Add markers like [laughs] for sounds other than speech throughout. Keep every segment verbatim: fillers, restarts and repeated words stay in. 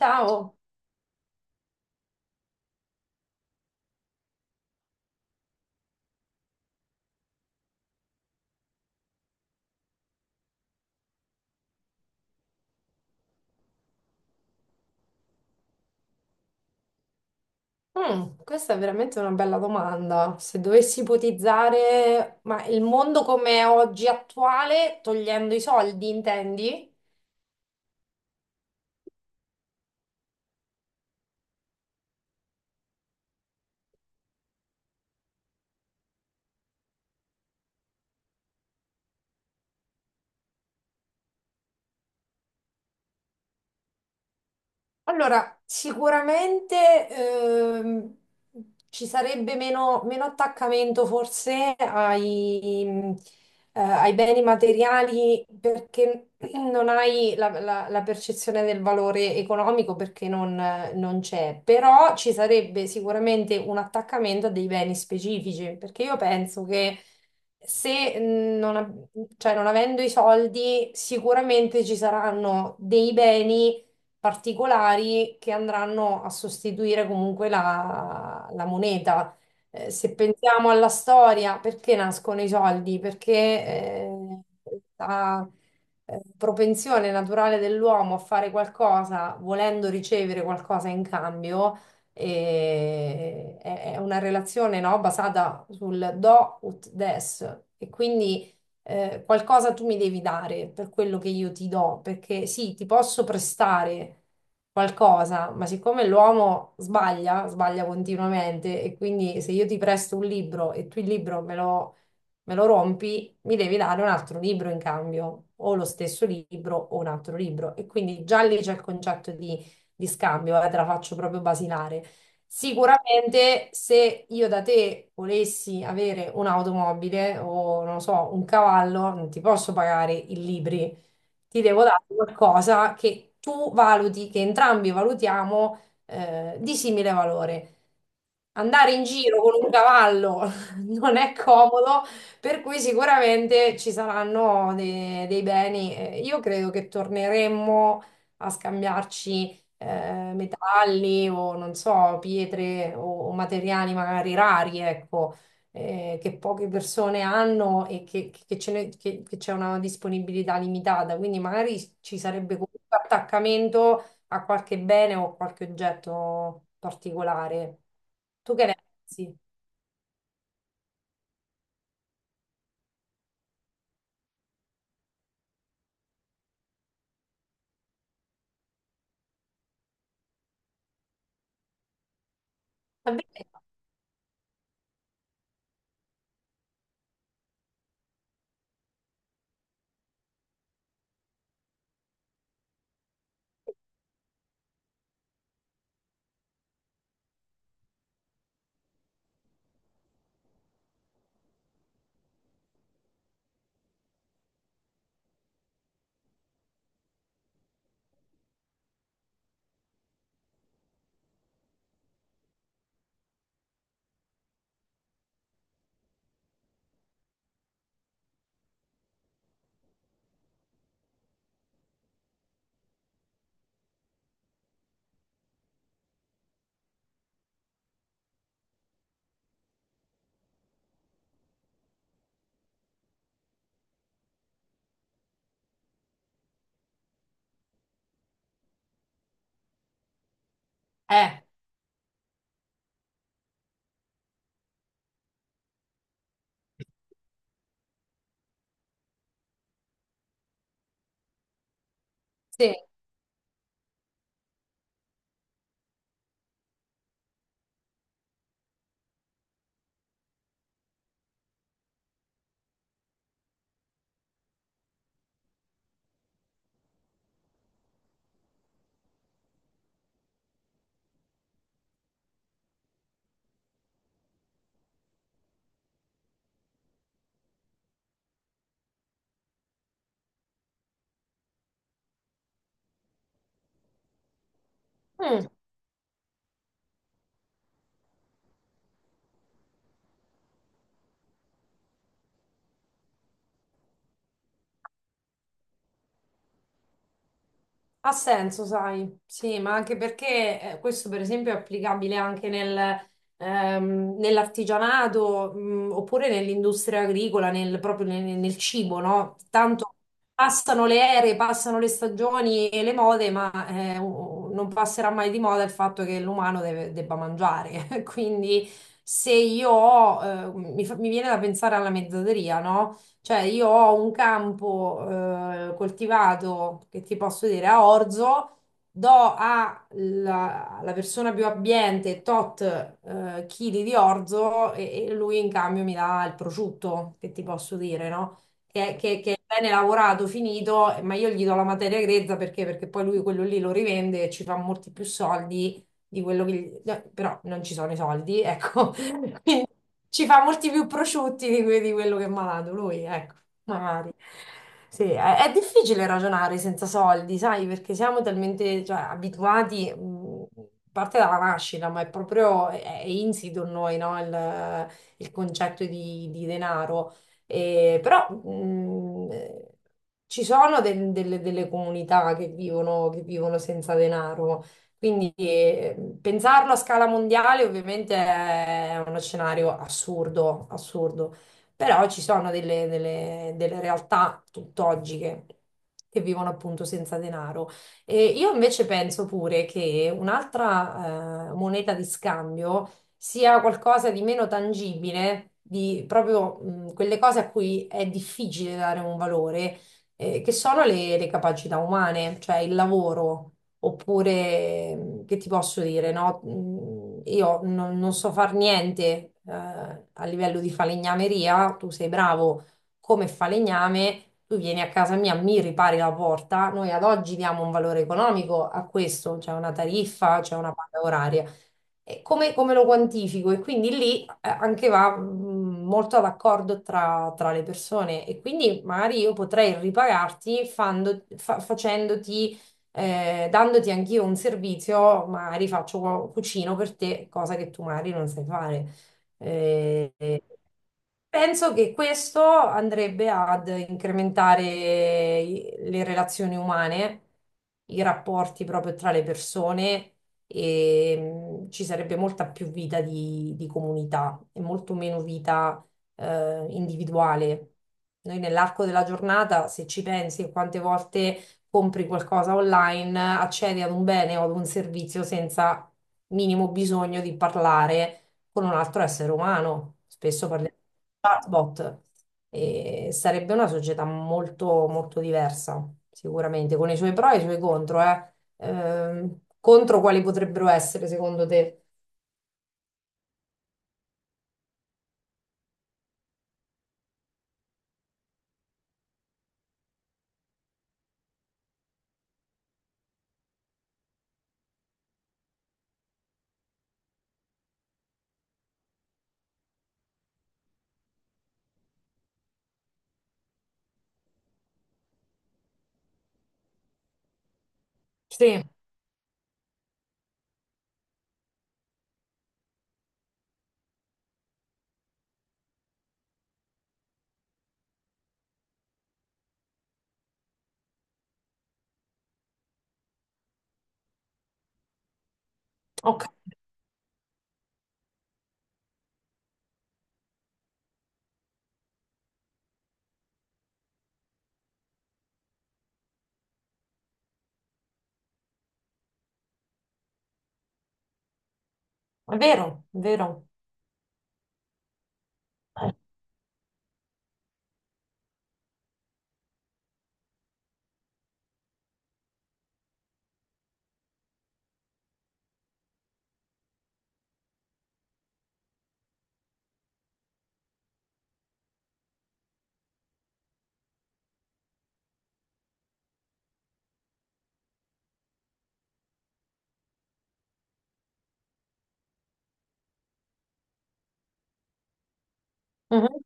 Ciao. Mm, questa è veramente una bella domanda. Se dovessi ipotizzare, ma il mondo come è oggi attuale, togliendo i soldi, intendi? Allora, sicuramente ehm, ci sarebbe meno, meno attaccamento forse ai, mhmm, eh, ai beni materiali perché non hai la, la- la percezione del valore economico perché non, non c'è, però ci sarebbe sicuramente un attaccamento a dei beni specifici perché io penso che se non, av- cioè, non avendo i soldi sicuramente ci saranno dei beni particolari che andranno a sostituire comunque la, la moneta. Eh, se pensiamo alla storia, perché nascono i soldi? Perché eh, la eh, propensione naturale dell'uomo a fare qualcosa volendo ricevere qualcosa in cambio eh, è, è una relazione, no, basata sul do ut des. E quindi eh, qualcosa tu mi devi dare per quello che io ti do, perché sì, ti posso prestare qualcosa, ma siccome l'uomo sbaglia, sbaglia continuamente e quindi se io ti presto un libro e tu il libro me lo, me lo rompi, mi devi dare un altro libro in cambio, o lo stesso libro o un altro libro. E quindi già lì c'è il concetto di, di scambio, eh, te la faccio proprio basilare. Sicuramente se io da te volessi avere un'automobile o non lo so, un cavallo, non ti posso pagare i libri, ti devo dare qualcosa che tu valuti, che entrambi valutiamo eh, di simile valore. Andare in giro con un cavallo [laughs] non è comodo, per cui sicuramente ci saranno de- dei beni. Eh, Io credo che torneremmo a scambiarci eh, metalli o non so, pietre o, o materiali magari rari, ecco, eh, che poche persone hanno e che, che ce ne- che- che c'è una disponibilità limitata. Quindi magari ci sarebbe comunque attaccamento a qualche bene o qualche oggetto particolare. Tu che ne pensi? È vero? Eh, sì. Mm. Ha senso, sai, sì, ma anche perché eh, questo per esempio è applicabile anche nel, ehm, nell'artigianato, mh, oppure nell'industria agricola, nel, proprio nel, nel cibo, no? Tanto passano le ere, passano le stagioni e le mode, ma eh, u- non passerà mai di moda il fatto che l'umano deve- debba mangiare. [laughs] Quindi se io ho, eh, mi, fa- mi viene da pensare alla mezzateria, no? Cioè, io ho un campo eh, coltivato che ti posso dire a orzo, do alla alla persona più abbiente tot eh, chili di orzo e, e lui in cambio mi dà il prosciutto, che ti posso dire, no? Che, che- che è bene lavorato, finito, ma io gli do la materia grezza perché? Perché poi lui quello lì lo rivende e ci fa molti più soldi di quello che... gli- no, però non ci sono i soldi, ecco, [laughs] quindi ci fa molti più prosciutti di, que- di quello che mi ha dato lui, ecco, magari. Sì, è, è difficile ragionare senza soldi, sai, perché siamo talmente, cioè, abituati, mh, a parte dalla nascita, ma è proprio, è, è insito in noi, no? Il, il concetto di, di denaro. E, però mh, eh, ci sono del- delle, delle comunità che vivono, che vivono senza denaro. Quindi eh, pensarlo a scala mondiale ovviamente è uno scenario assurdo, assurdo, però ci sono delle, delle- delle realtà tutt'oggi che, che vivono appunto senza denaro. E io invece penso pure che un'altra eh, moneta di scambio sia qualcosa di meno tangibile, di proprio mh, quelle cose a cui è difficile dare un valore, eh, che sono le le capacità umane, cioè il lavoro. Oppure, mh, che ti posso dire, no? Mh, Io non, non so far niente, eh, a livello di falegnameria, tu sei bravo come falegname, tu vieni a casa mia, mi ripari la porta. Noi ad oggi diamo un valore economico a questo, c'è una tariffa, c'è una paga oraria. E come, come lo quantifico? E quindi lì eh, anche va mh, molto d'accordo tra, tra le persone e quindi magari io potrei ripagarti fando- fa- facendoti, eh, dandoti anch'io un servizio, magari faccio cucino per te, cosa che tu magari non sai fare. Eh, Penso che questo andrebbe ad incrementare i- le relazioni umane, i rapporti proprio tra le persone e mh, ci sarebbe molta più vita di, di comunità e molto meno vita eh, individuale. Noi nell'arco della giornata, se ci pensi, quante volte compri qualcosa online, accedi ad un bene o ad un servizio senza minimo bisogno di parlare con un altro essere umano. Spesso parliamo chatbot, e sarebbe una società molto, molto diversa, sicuramente, con i suoi pro e i suoi contro, eh. Ehm, contro quali potrebbero essere, secondo te? Sì, ok, è vero, è vero. Eh, mhm,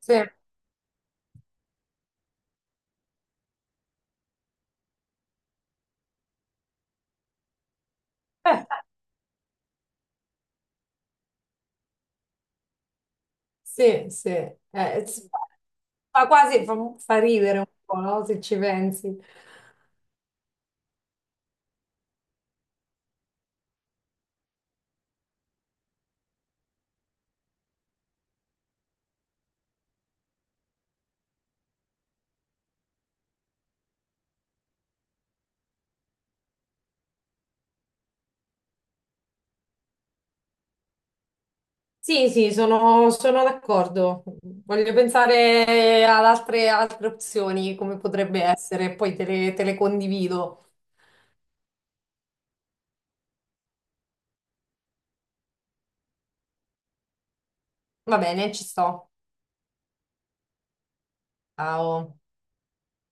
Sì. Eh, sì, sì. Eh, s- fa quasi, fa, fa ridere un po', no? Se ci pensi. Sì, sì, sono, sono d'accordo. Voglio pensare ad altre, altre opzioni, come potrebbe essere, e poi te le, te le condivido. Va bene, ci sto. Ciao.